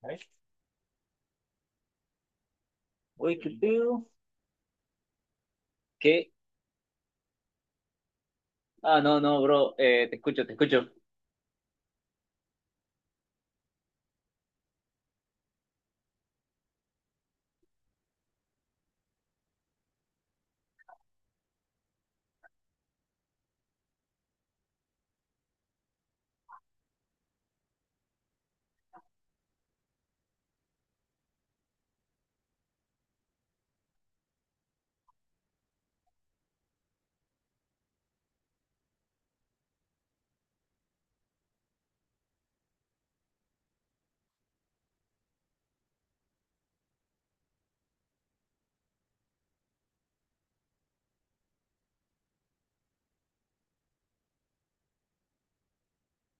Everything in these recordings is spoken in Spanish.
¿Vale? Uy, qué pedo. ¿Qué? Ah, no, no, bro. Te escucho, te escucho.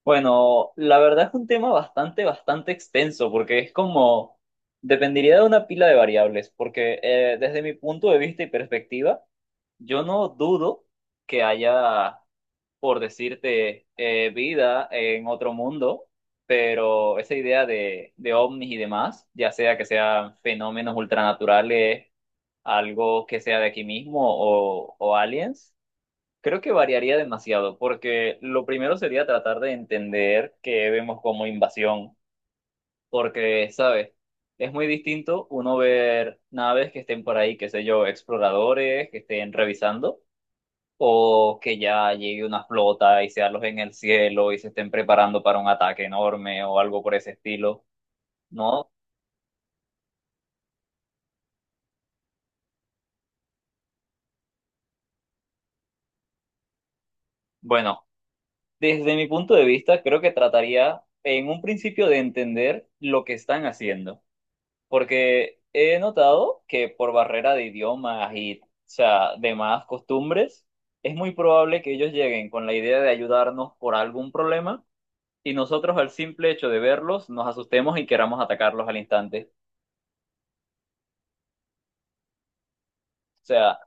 Bueno, la verdad es un tema bastante, bastante extenso, porque es como, dependería de una pila de variables, porque desde mi punto de vista y perspectiva, yo no dudo que haya por decirte, vida en otro mundo, pero esa idea de ovnis y demás, ya sea que sean fenómenos ultranaturales, algo que sea de aquí mismo o aliens, creo que variaría demasiado, porque lo primero sería tratar de entender que vemos como invasión, porque, ¿sabes? Es muy distinto uno ver naves que estén por ahí, qué sé yo, exploradores que estén revisando o que ya llegue una flota y sea los en el cielo y se estén preparando para un ataque enorme o algo por ese estilo, ¿no? Bueno, desde mi punto de vista, creo que trataría en un principio de entender lo que están haciendo, porque he notado que por barrera de idiomas y, o sea, demás costumbres, es muy probable que ellos lleguen con la idea de ayudarnos por algún problema. Y nosotros al simple hecho de verlos nos asustemos y queramos atacarlos al instante. O sea,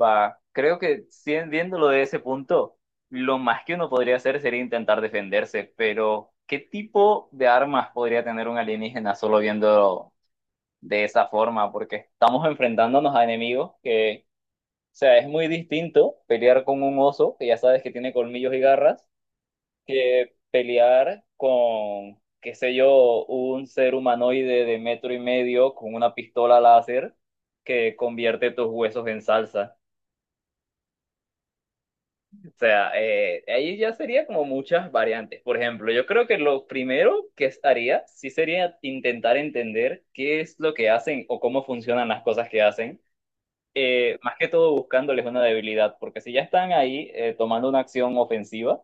va, creo que viéndolo de ese punto, lo más que uno podría hacer sería intentar defenderse, pero ¿qué tipo de armas podría tener un alienígena solo viendo de esa forma? Porque estamos enfrentándonos a enemigos que, o sea, es muy distinto pelear con un oso, que ya sabes que tiene colmillos y garras, que pelear con, qué sé yo, un ser humanoide de metro y medio con una pistola láser que convierte tus huesos en salsa. O sea, ahí ya sería como muchas variantes. Por ejemplo, yo creo que lo primero que haría sí sería intentar entender qué es lo que hacen o cómo funcionan las cosas que hacen. Más que todo buscándoles una debilidad, porque si ya están ahí tomando una acción ofensiva,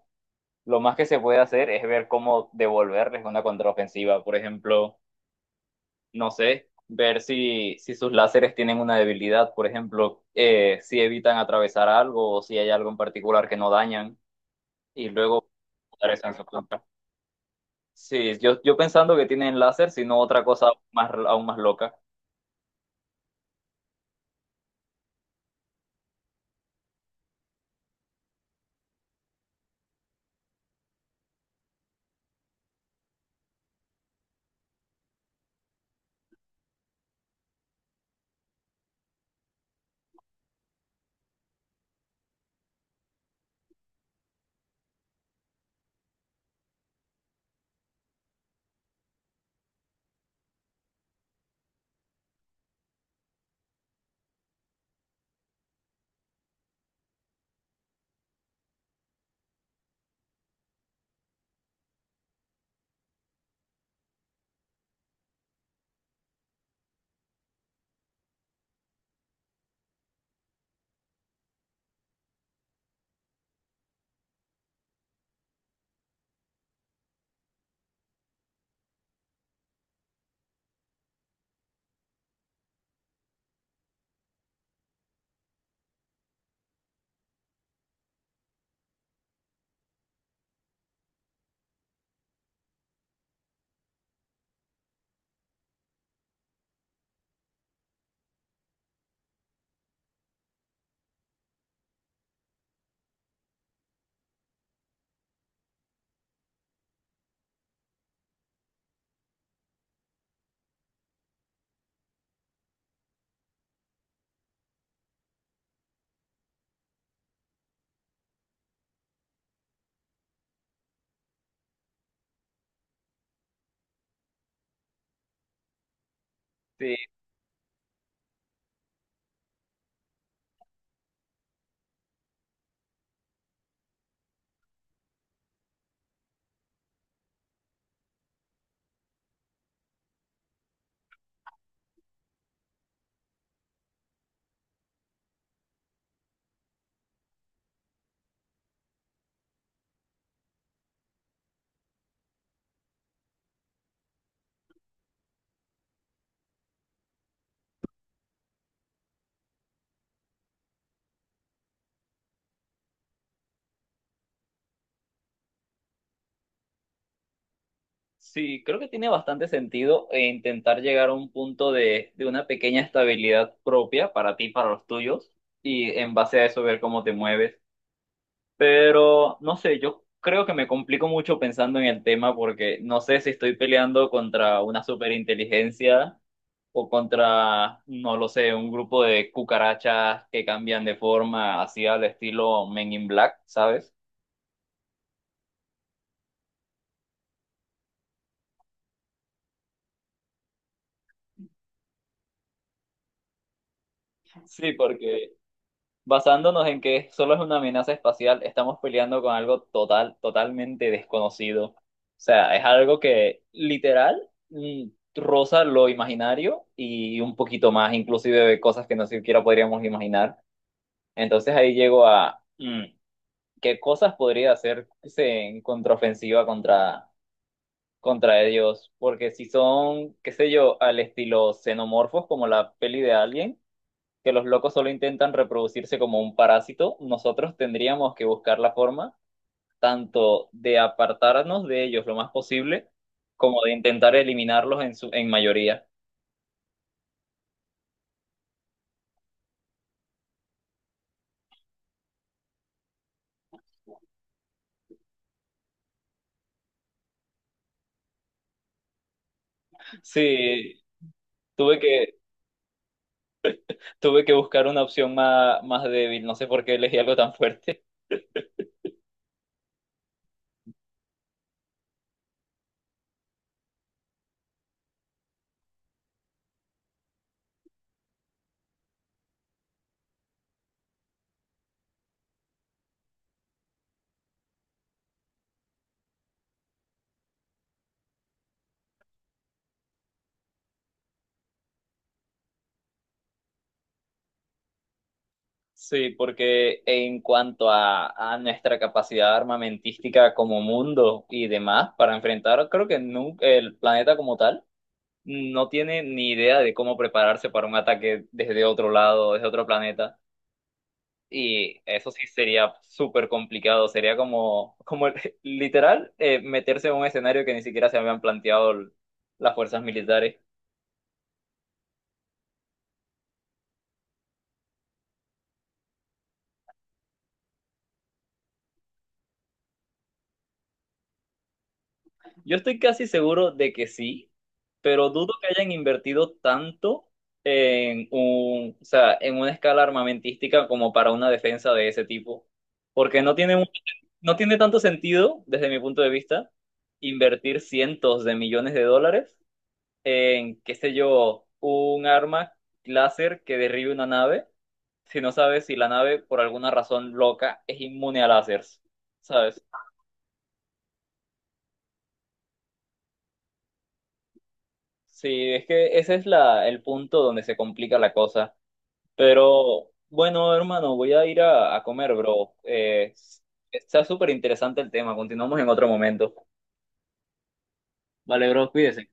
lo más que se puede hacer es ver cómo devolverles una contraofensiva. Por ejemplo, no sé, ver si sus láseres tienen una debilidad, por ejemplo, si evitan atravesar algo o si hay algo en particular que no dañan y luego interesan su punto. Sí, yo pensando que tienen láser, sino otra cosa más, aún más loca. Sí, sí, creo que tiene bastante sentido intentar llegar a un punto de una pequeña estabilidad propia para ti, para los tuyos, y en base a eso ver cómo te mueves. Pero no sé, yo creo que me complico mucho pensando en el tema porque no sé si estoy peleando contra una superinteligencia o contra, no lo sé, un grupo de cucarachas que cambian de forma así al estilo Men in Black, ¿sabes? Sí, porque basándonos en que solo es una amenaza espacial, estamos peleando con algo total, totalmente desconocido. O sea, es algo que literal roza lo imaginario y un poquito más, inclusive de cosas que no siquiera podríamos imaginar. Entonces ahí llego a qué cosas podría hacerse en contraofensiva contra ellos. Porque si son, qué sé yo, al estilo xenomorfos, como la peli de Alien que los locos solo intentan reproducirse como un parásito, nosotros tendríamos que buscar la forma tanto de apartarnos de ellos lo más posible, como de intentar eliminarlos en su, en mayoría. Sí, tuve que, tuve que buscar una opción más, más débil, no sé por qué elegí algo tan fuerte. Sí, porque en cuanto a nuestra capacidad armamentística como mundo y demás para enfrentar, creo que el planeta como tal, no tiene ni idea de cómo prepararse para un ataque desde otro lado, desde otro planeta. Y eso sí sería súper complicado, sería como literal meterse en un escenario que ni siquiera se habían planteado las fuerzas militares. Yo estoy casi seguro de que sí, pero dudo que hayan invertido tanto en un, o sea, en una escala armamentística como para una defensa de ese tipo, porque no tiene tanto sentido, desde mi punto de vista, invertir cientos de millones de dólares en, qué sé yo, un arma láser que derribe una nave, si no sabes si la nave, por alguna razón loca, es inmune a láseres, ¿sabes? Sí, es que ese es la, el punto donde se complica la cosa. Pero bueno, hermano, voy a ir a comer, bro. Está súper interesante el tema. Continuamos en otro momento. Vale, bro, cuídese.